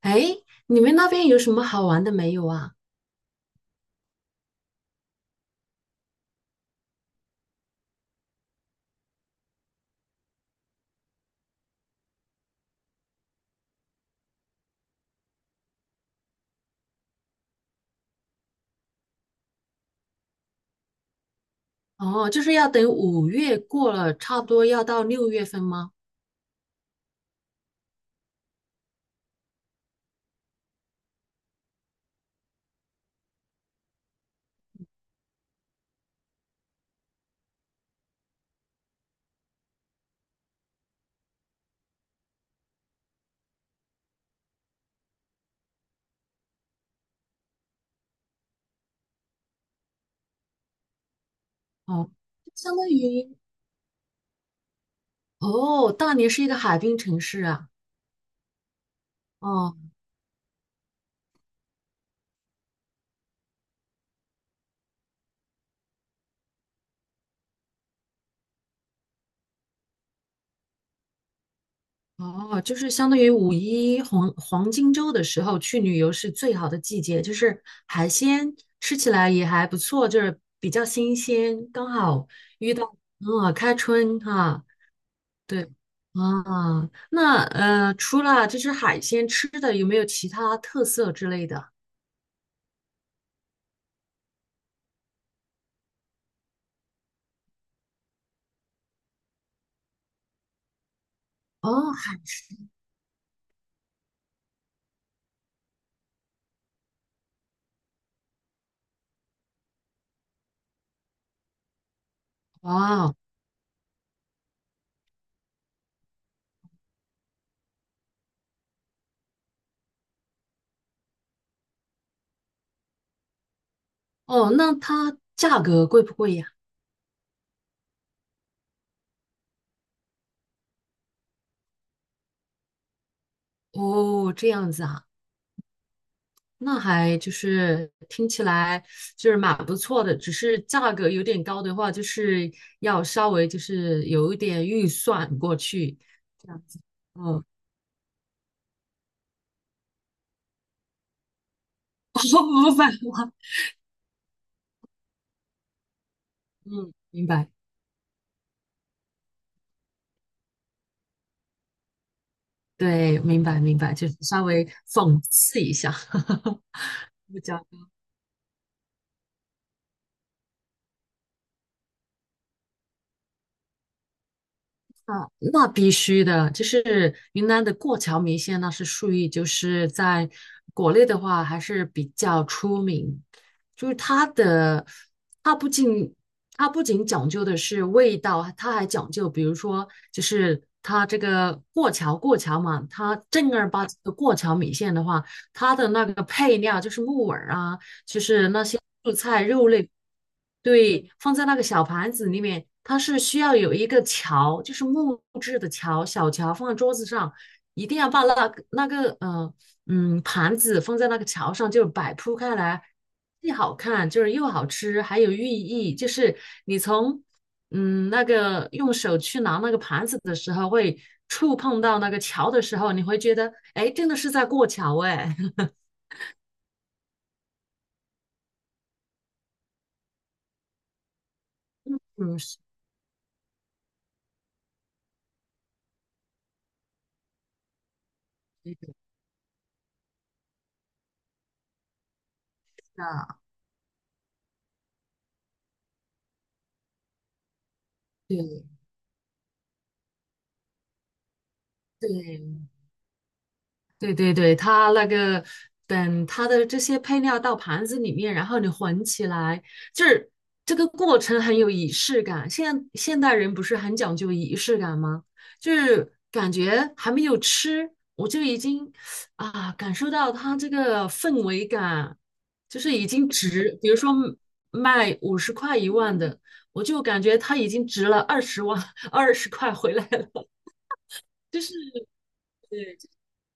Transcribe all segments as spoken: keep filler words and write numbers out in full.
哎，你们那边有什么好玩的没有啊？哦，就是要等五月过了，差不多要到六月份吗？哦，相当于哦，大连是一个海滨城市啊。哦哦，就是相当于五一黄黄金周的时候去旅游是最好的季节，就是海鲜吃起来也还不错，就是比较新鲜，刚好嗯开春哈、对。啊，那呃，除了就是海鲜吃的，有没有其他特色之类的？哦，海，哇，哦，那它价格贵不贵呀？哦，这样子啊。那还就是听起来就是蛮不错的，只是价格有点高的话，就是要稍微就是有一点预算过去，这样子。哦，五百万，嗯，明白，对，明白，明白，就是稍微讽刺一下。不讲。啊，那必须的，就是云南的过桥米线，那是属于就是在国内的话还是比较出名。就是它的，它不仅它不仅讲究的是味道，它还讲究，比如说就是它这个过桥过桥嘛，它正儿八经的过桥米线的话，它的那个配料就是木耳啊，就是那些蔬菜肉类，对，放在那个小盘子里面，它是需要有一个桥，就是木质的桥，小桥放在桌子上，一定要把那个那个呃嗯盘子放在那个桥上，就摆铺开来，既好看就是又好吃，还有寓意，就是你从嗯那个用手去拿那个盘子的时候会触碰到那个桥的时候，你会觉得，哎，诶真的是在过桥，哎，嗯，是的，对对，对对对，它那个等它的这些配料到盘子里面，然后你混起来，就是这个过程很有仪式感。现现代人不是很讲究仪式感吗？就是感觉还没有吃，我就已经啊感受到它这个氛围感，就是已经值，比如说卖五十块一万的，我就感觉它已经值了二十万二十块回来了。就是。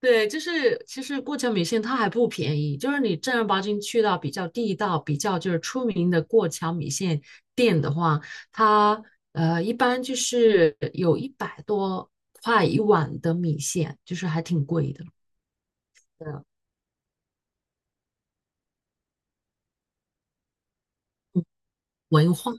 对，就是其实过桥米线它还不便宜，就是你正儿八经去到比较地道、比较就是出名的过桥米线店的话，它呃一般就是有一百多块一碗的米线，就是还挺贵的。对文化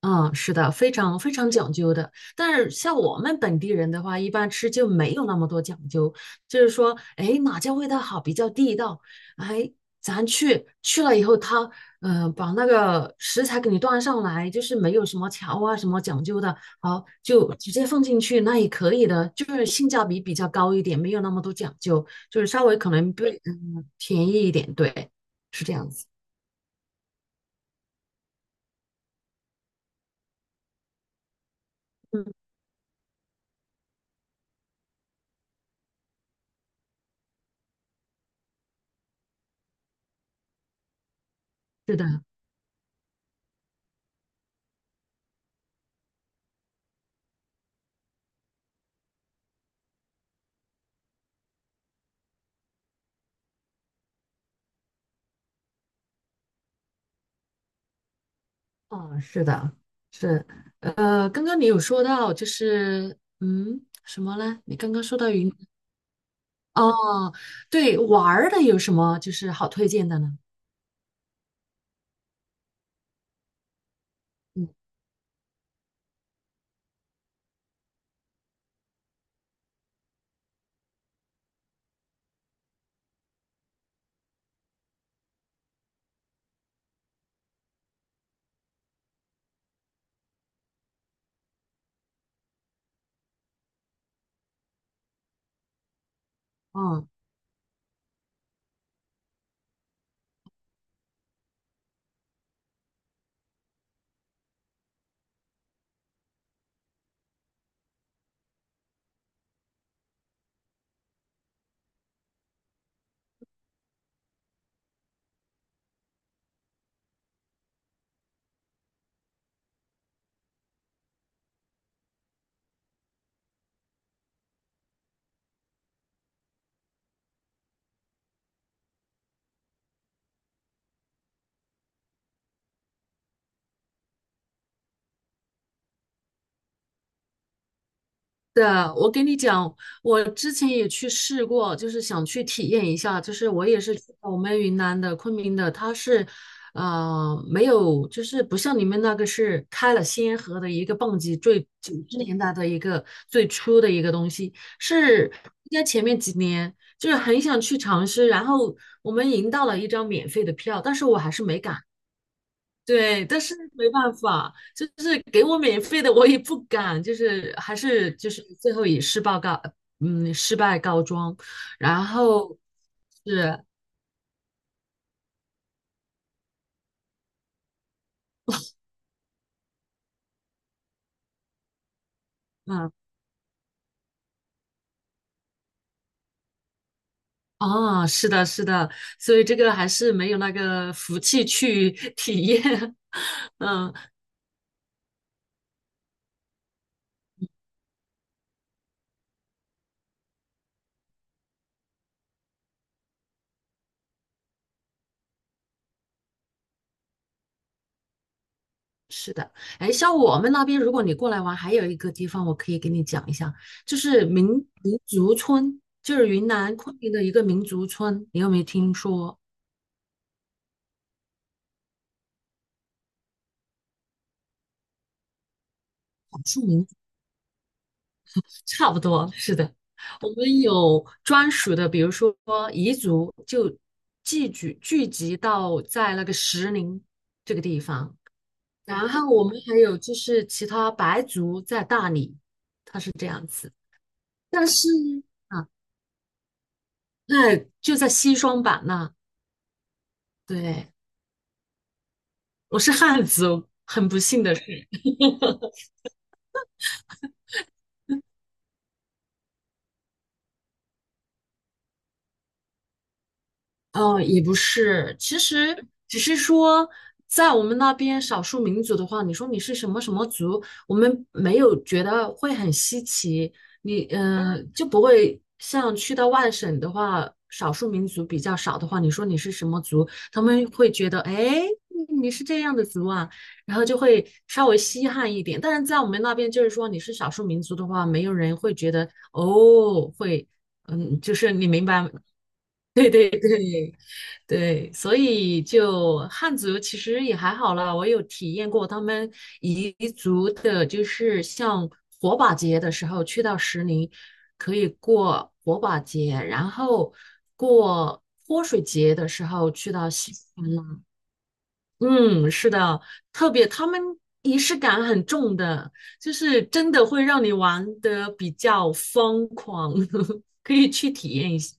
嗯，是的，非常非常讲究的。但是像我们本地人的话，一般吃就没有那么多讲究，就是说，哎，哪家味道好比较地道，哎，咱去去了以后他，嗯把那个食材给你端上来，就是没有什么调啊什么讲究的，好就直接放进去，那也可以的，就是性价比比较高一点，没有那么多讲究，就是稍微可能对，嗯，便宜一点，对，是这样子，嗯，是的。嗯，是的，是，呃，刚刚你有说到，就是，嗯，什么呢？你刚刚说到云，哦，对，玩儿的有什么就是好推荐的呢？嗯，哦的，我跟你讲，我之前也去试过，就是想去体验一下。就是我也是去我们云南的昆明的，它是，呃，没有，就是不像你们那个是开了先河的一个蹦极，最九十年代的一个最初的一个东西，是应该前面几年就是很想去尝试，然后我们赢到了一张免费的票，但是我还是没敢。对，但是没办法，就是给我免费的，我也不敢，就是还是就是最后以失败告，嗯，失败告终。然后是，嗯，啊，是的，是的，所以这个还是没有那个福气去 体验。嗯，是的，哎，像我们那边，如果你过来玩，还有一个地方我可以给你讲一下，就是民民族村，就是云南昆明的一个民族村，你有没有听说少数民？差不多，是的，我们有专属的，比如说彝族就聚集聚集到在那个石林这个地方，然后我们还有就是其他白族在大理，它是这样子，但是啊，那就在西双版纳，对，我是汉族，很不幸的，嗯，也不是，其实只是说，在我们那边少数民族的话，你说你是什么什么族，我们没有觉得会很稀奇，你嗯、呃就不会像去到外省的话，少数民族比较少的话，你说你是什么族，他们会觉得哎你是这样的族啊，然后就会稍微稀罕一点。但是在我们那边，就是说你是少数民族的话，没有人会觉得哦会。嗯，就是你明白，对，所以就汉族其实也还好啦，我有体验过他们彝族的，就是像火把节的时候去到石林，可以过火把节，然后过泼水节的时候去到西川啦。嗯，是的，特别他们仪式感很重的，就是真的会让你玩的比较疯狂，可以去体验一下。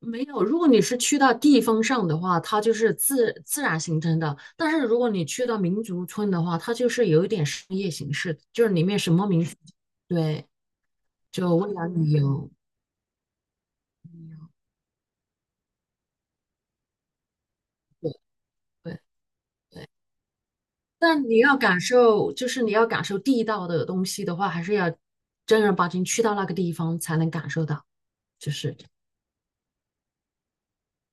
没有，如果你是去到地方上的话，它就是自自然形成的；但是如果你去到民族村的话，它就是有一点商业形式，就是里面什么民族，对，就为了旅游，对对对。但你要感受，就是你要感受地道的东西的话，还是要正儿八经去到那个地方才能感受到，就是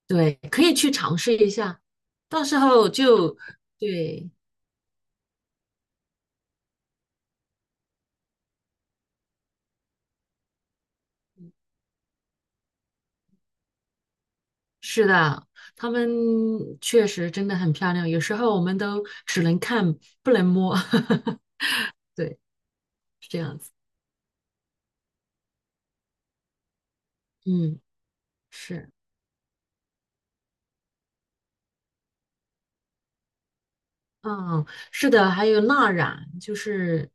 对，可以去尝试一下，到时候就对。嗯是的，他们确实真的很漂亮，有时候我们都只能看不能摸，对，是这样子。嗯，是，嗯，是的，还有蜡染，就是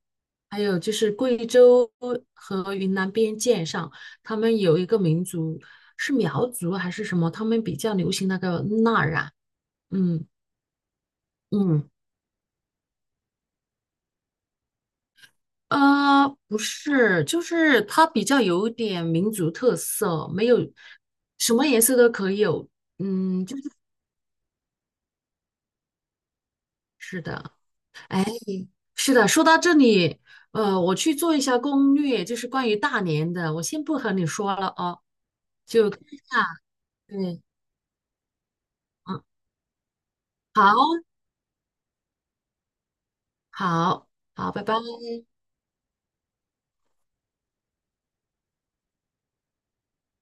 还有就是贵州和云南边界上，他们有一个民族是苗族还是什么，他们比较流行那个蜡染。嗯嗯。呃，不是，就是它比较有点民族特色，没有什么颜色都可以有。嗯，就是是的，哎，是的。说到这里，呃，我去做一下攻略，就是关于大连的，我先不和你说了哦，就看一下。对，嗯，好，好，好，拜拜。